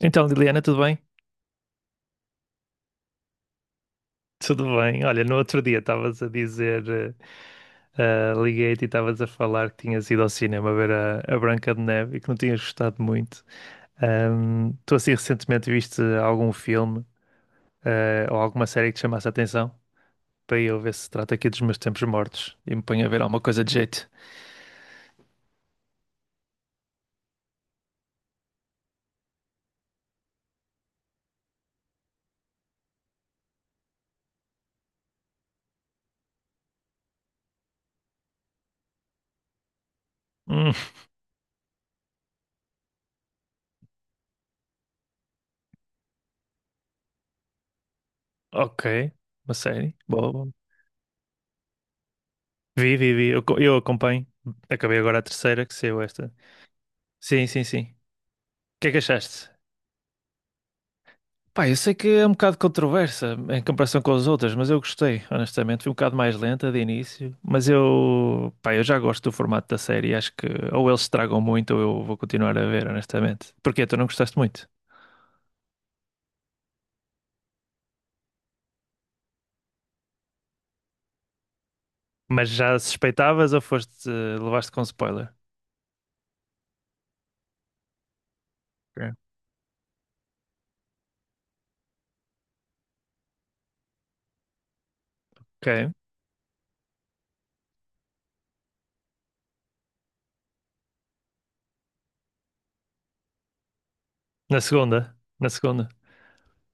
Então, Liliana, tudo bem? Tudo bem. Olha, no outro dia estavas a dizer, liguei-te e estavas a falar que tinhas ido ao cinema ver a Branca de Neve e que não tinhas gostado muito. Tu assim recentemente viste algum filme, ou alguma série que te chamasse a atenção? Para eu ver se trata aqui dos meus tempos mortos e me ponho a ver alguma coisa de jeito. Hum, ok. Uma série? Boa, boa. Vi, vi, vi. Eu acompanho. Acabei agora a terceira que saiu esta. Sim, sim, sim. O que é que achaste? Pá, eu sei que é um bocado controversa em comparação com as outras, mas eu gostei, honestamente. Foi um bocado mais lenta de início, mas eu já gosto do formato da série. Acho que ou eles estragam muito ou eu vou continuar a ver, honestamente. Porque tu não gostaste muito, mas já suspeitavas ou levaste com spoiler? Ok. Ok. Na segunda, na segunda.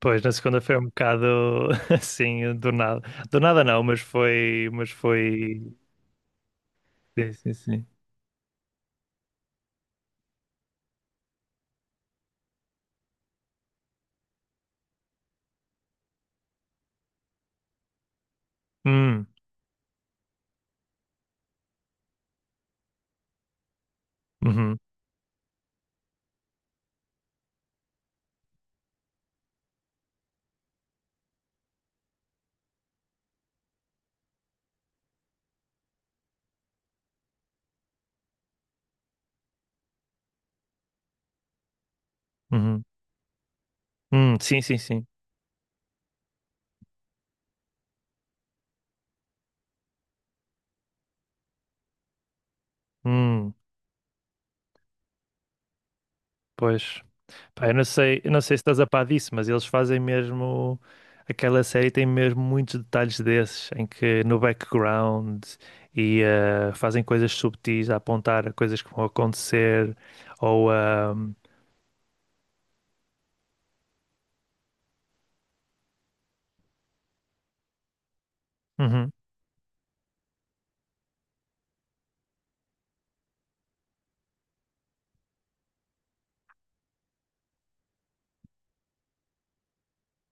Pois, na segunda foi um bocado assim, do nada. Do nada não, mas foi, mas foi. Sim, sim, sim. Hum, uhum, uhum. Sim, sim, sim. Hum, pois. Pá, eu não sei se estás a par disso, mas eles fazem mesmo. Aquela série tem mesmo muitos detalhes desses, em que no background fazem coisas subtis a apontar a coisas que vão acontecer. Ou. ah, uhum.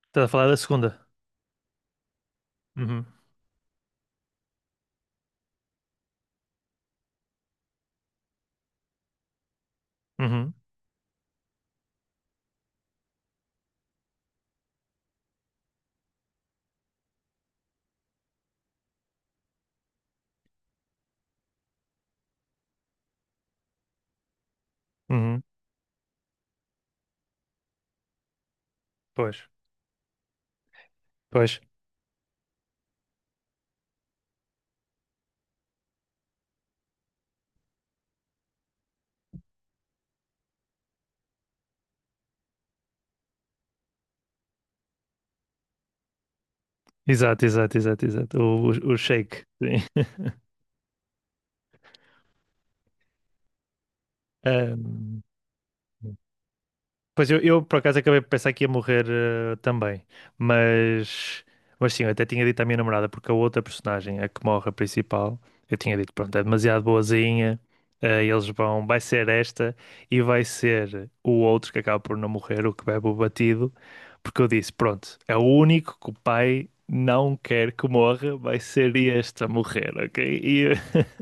Estás a falar da segunda? Uhum, uhum, uhum. Pois, pois. Exato, exato, exato, exato. O shake. Sim. Ah, pois eu, por acaso acabei de pensar que ia morrer também, mas, mas sim, eu até tinha dito à minha namorada, porque a outra personagem, a que morre, a principal, eu tinha dito, pronto, é demasiado boazinha, eles vão, vai ser esta e vai ser o outro que acaba por não morrer, o que bebe o batido, porque eu disse, pronto, é o único que o pai não quer que morra, vai ser este a morrer, ok? E,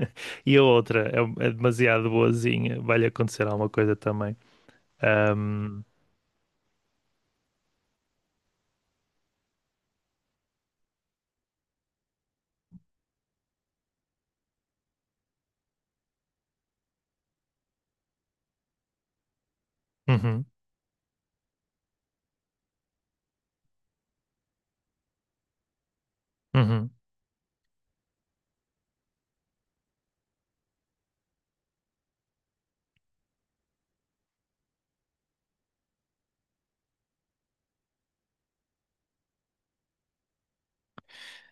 e a outra é, é demasiado boazinha, vai-lhe acontecer alguma coisa também. Uhum, uhum.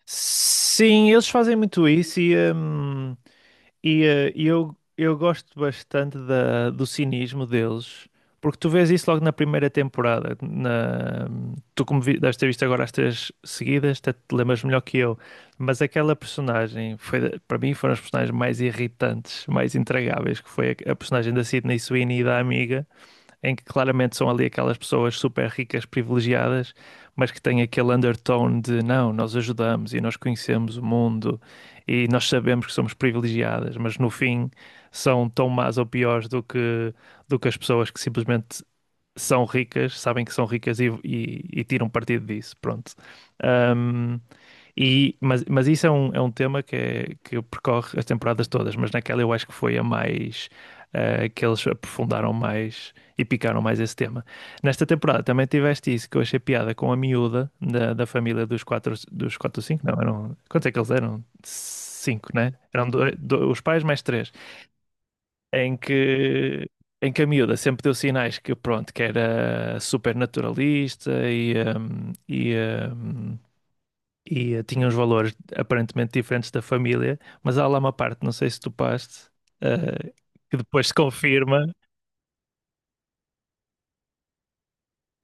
Sim, eles fazem muito isso e, e eu gosto bastante da, do cinismo deles, porque tu vês isso logo na primeira temporada. Na, tu, como vi, deves ter visto agora as três seguidas, até te lembras melhor que eu, mas aquela personagem, foi, para mim, foram as personagens mais irritantes, mais intragáveis, que foi a personagem da Sydney Sweeney e da amiga, em que claramente são ali aquelas pessoas super ricas, privilegiadas, mas que têm aquele undertone de não, nós ajudamos e nós conhecemos o mundo e nós sabemos que somos privilegiadas, mas no fim são tão más ou piores do que as pessoas que simplesmente são ricas, sabem que são ricas e tiram partido disso. Pronto. Ahm, e, mas isso é é um tema que, que percorre as temporadas todas, mas naquela eu acho que foi a mais, que eles aprofundaram mais e picaram mais esse tema. Nesta temporada também tiveste isso, que eu achei piada com a miúda da família dos quatro ou cinco, não, eram, quantos é que eles eram? Cinco, né? Eram dois, os pais mais três, em que, em que a miúda sempre deu sinais que, pronto, que era super naturalista e tinha uns valores aparentemente diferentes da família, mas há lá uma parte, não sei se tu paste, eh, que depois se confirma.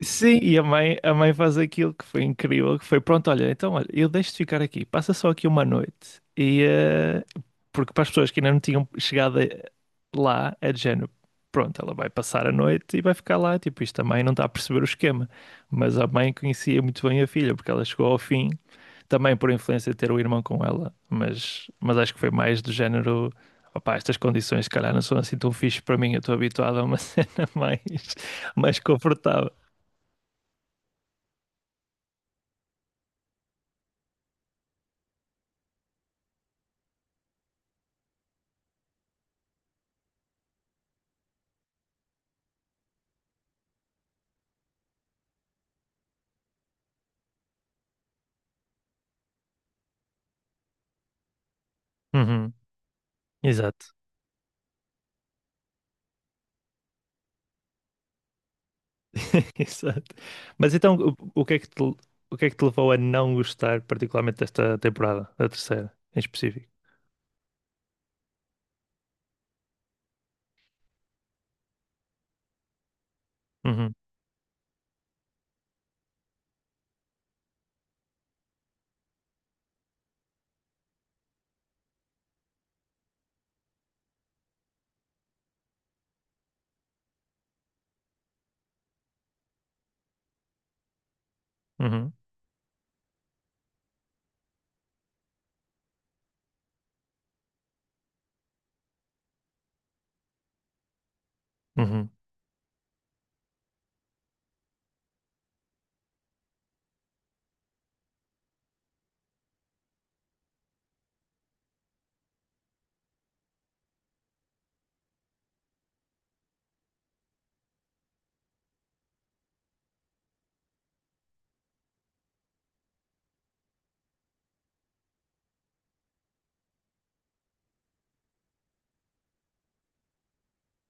Sim, e a mãe faz aquilo que foi incrível, que foi pronto, olha, então olha, eu deixo-te ficar aqui, passa só aqui uma noite. E porque para as pessoas que ainda não tinham chegado lá, é de género, pronto, ela vai passar a noite e vai ficar lá, tipo, isto a mãe não está a perceber o esquema. Mas a mãe conhecia muito bem a filha, porque ela chegou ao fim também por influência de ter o irmão com ela, mas acho que foi mais do género. Opá, estas condições, se calhar, não são assim tão fixe para mim. Eu estou habituado a uma cena mais, mais confortável. Uhum, exato. Exato. Mas então, o que é que te, o que é que te levou a não gostar particularmente desta temporada, da terceira, em específico? Uhum, uhum, uhum,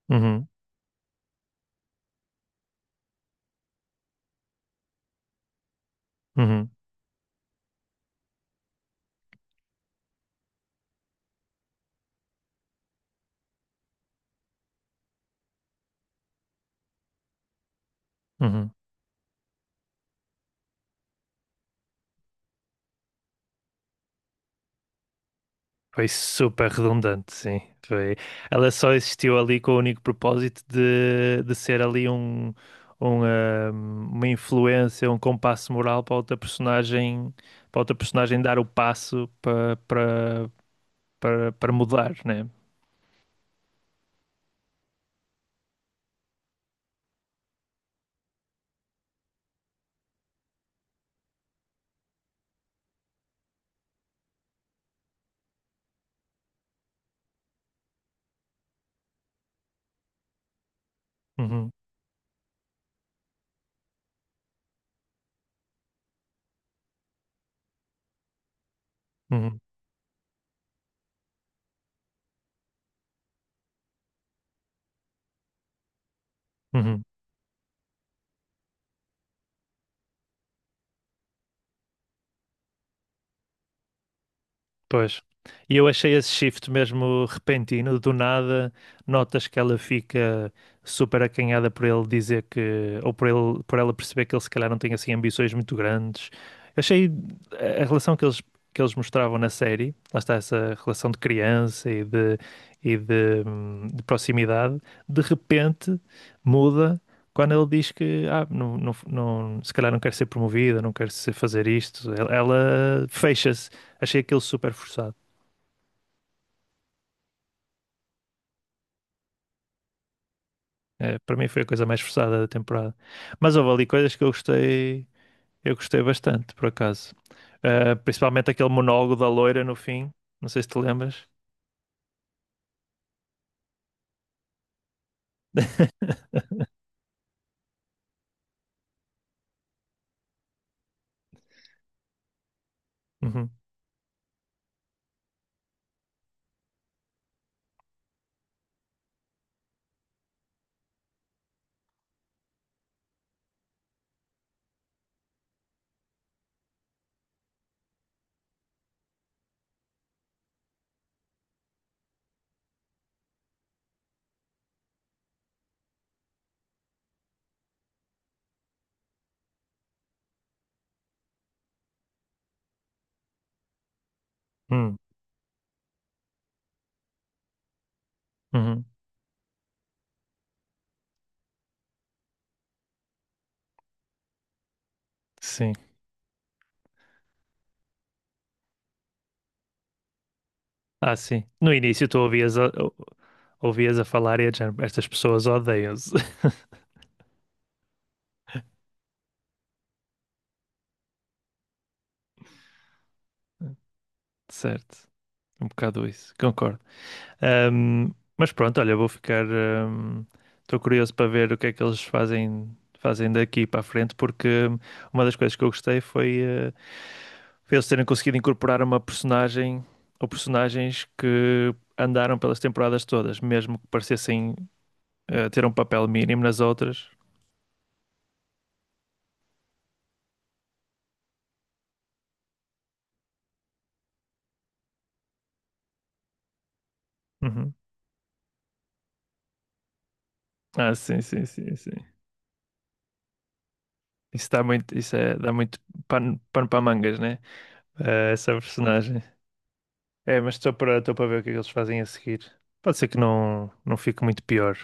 uhum, uhum, uhum, uhum. Foi super redundante, sim. Foi... Ela só existiu ali com o único propósito de ser ali um, uma influência, um compasso moral para outra personagem dar o passo para, para, para, para mudar, né? Uhum, uhum, uhum. Pois. E eu achei esse shift mesmo repentino, do nada, notas que ela fica super acanhada por ele dizer que, ou por ele, por ela perceber que ele se calhar não tem assim ambições muito grandes. Eu achei a relação que eles mostravam na série, lá está essa relação de criança e de, de proximidade, de repente muda quando ele diz que não, não, se calhar não quer ser promovida, não quer ser fazer isto. Ela ela fecha-se. Achei aquilo super forçado. É, para mim foi a coisa mais forçada da temporada. Mas houve ali coisas que eu gostei bastante, por acaso. Ah, principalmente aquele monólogo da loira no fim. Não sei se te lembras. Uhum, uhum, uhum. Sim. Ah, sim. No início tu ouvias ouvias a falar e a dizer, estas pessoas odeiam-se. Certo. Um bocado isso. Concordo. Mas pronto, olha, vou ficar. Estou curioso para ver o que é que eles fazem, fazem daqui para a frente, porque uma das coisas que eu gostei foi, foi eles terem conseguido incorporar uma personagem ou personagens que andaram pelas temporadas todas, mesmo que parecessem ter um papel mínimo nas outras. Uhum. Ah, sim, sim, sim, sim. Isso dá muito, dá muito pano, pano para mangas, né? Essa personagem. É, mas estou para, estou para ver o que é que eles fazem a seguir. Pode ser que não, não fique muito pior,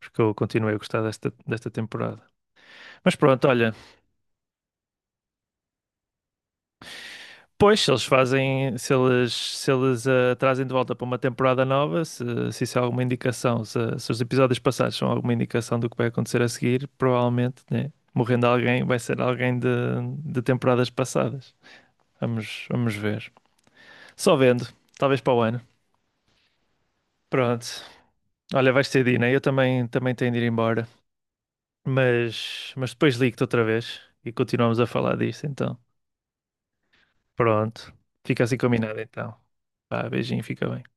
porque eu continuei a gostar desta, desta temporada. Mas pronto, olha, pois se eles fazem, se eles, se eles trazem de volta para uma temporada nova, se isso é alguma indicação, se os episódios passados são alguma indicação do que vai acontecer a seguir, provavelmente, né, morrendo alguém, vai ser alguém de temporadas passadas. Vamos, vamos ver. Só vendo, talvez para o ano. Pronto. Olha, vais ter de ir, né? Eu também, também tenho de ir embora. Mas depois ligo-te outra vez e continuamos a falar disto, então. Pronto. Fica assim combinado, então. Vá, beijinho, fica bem.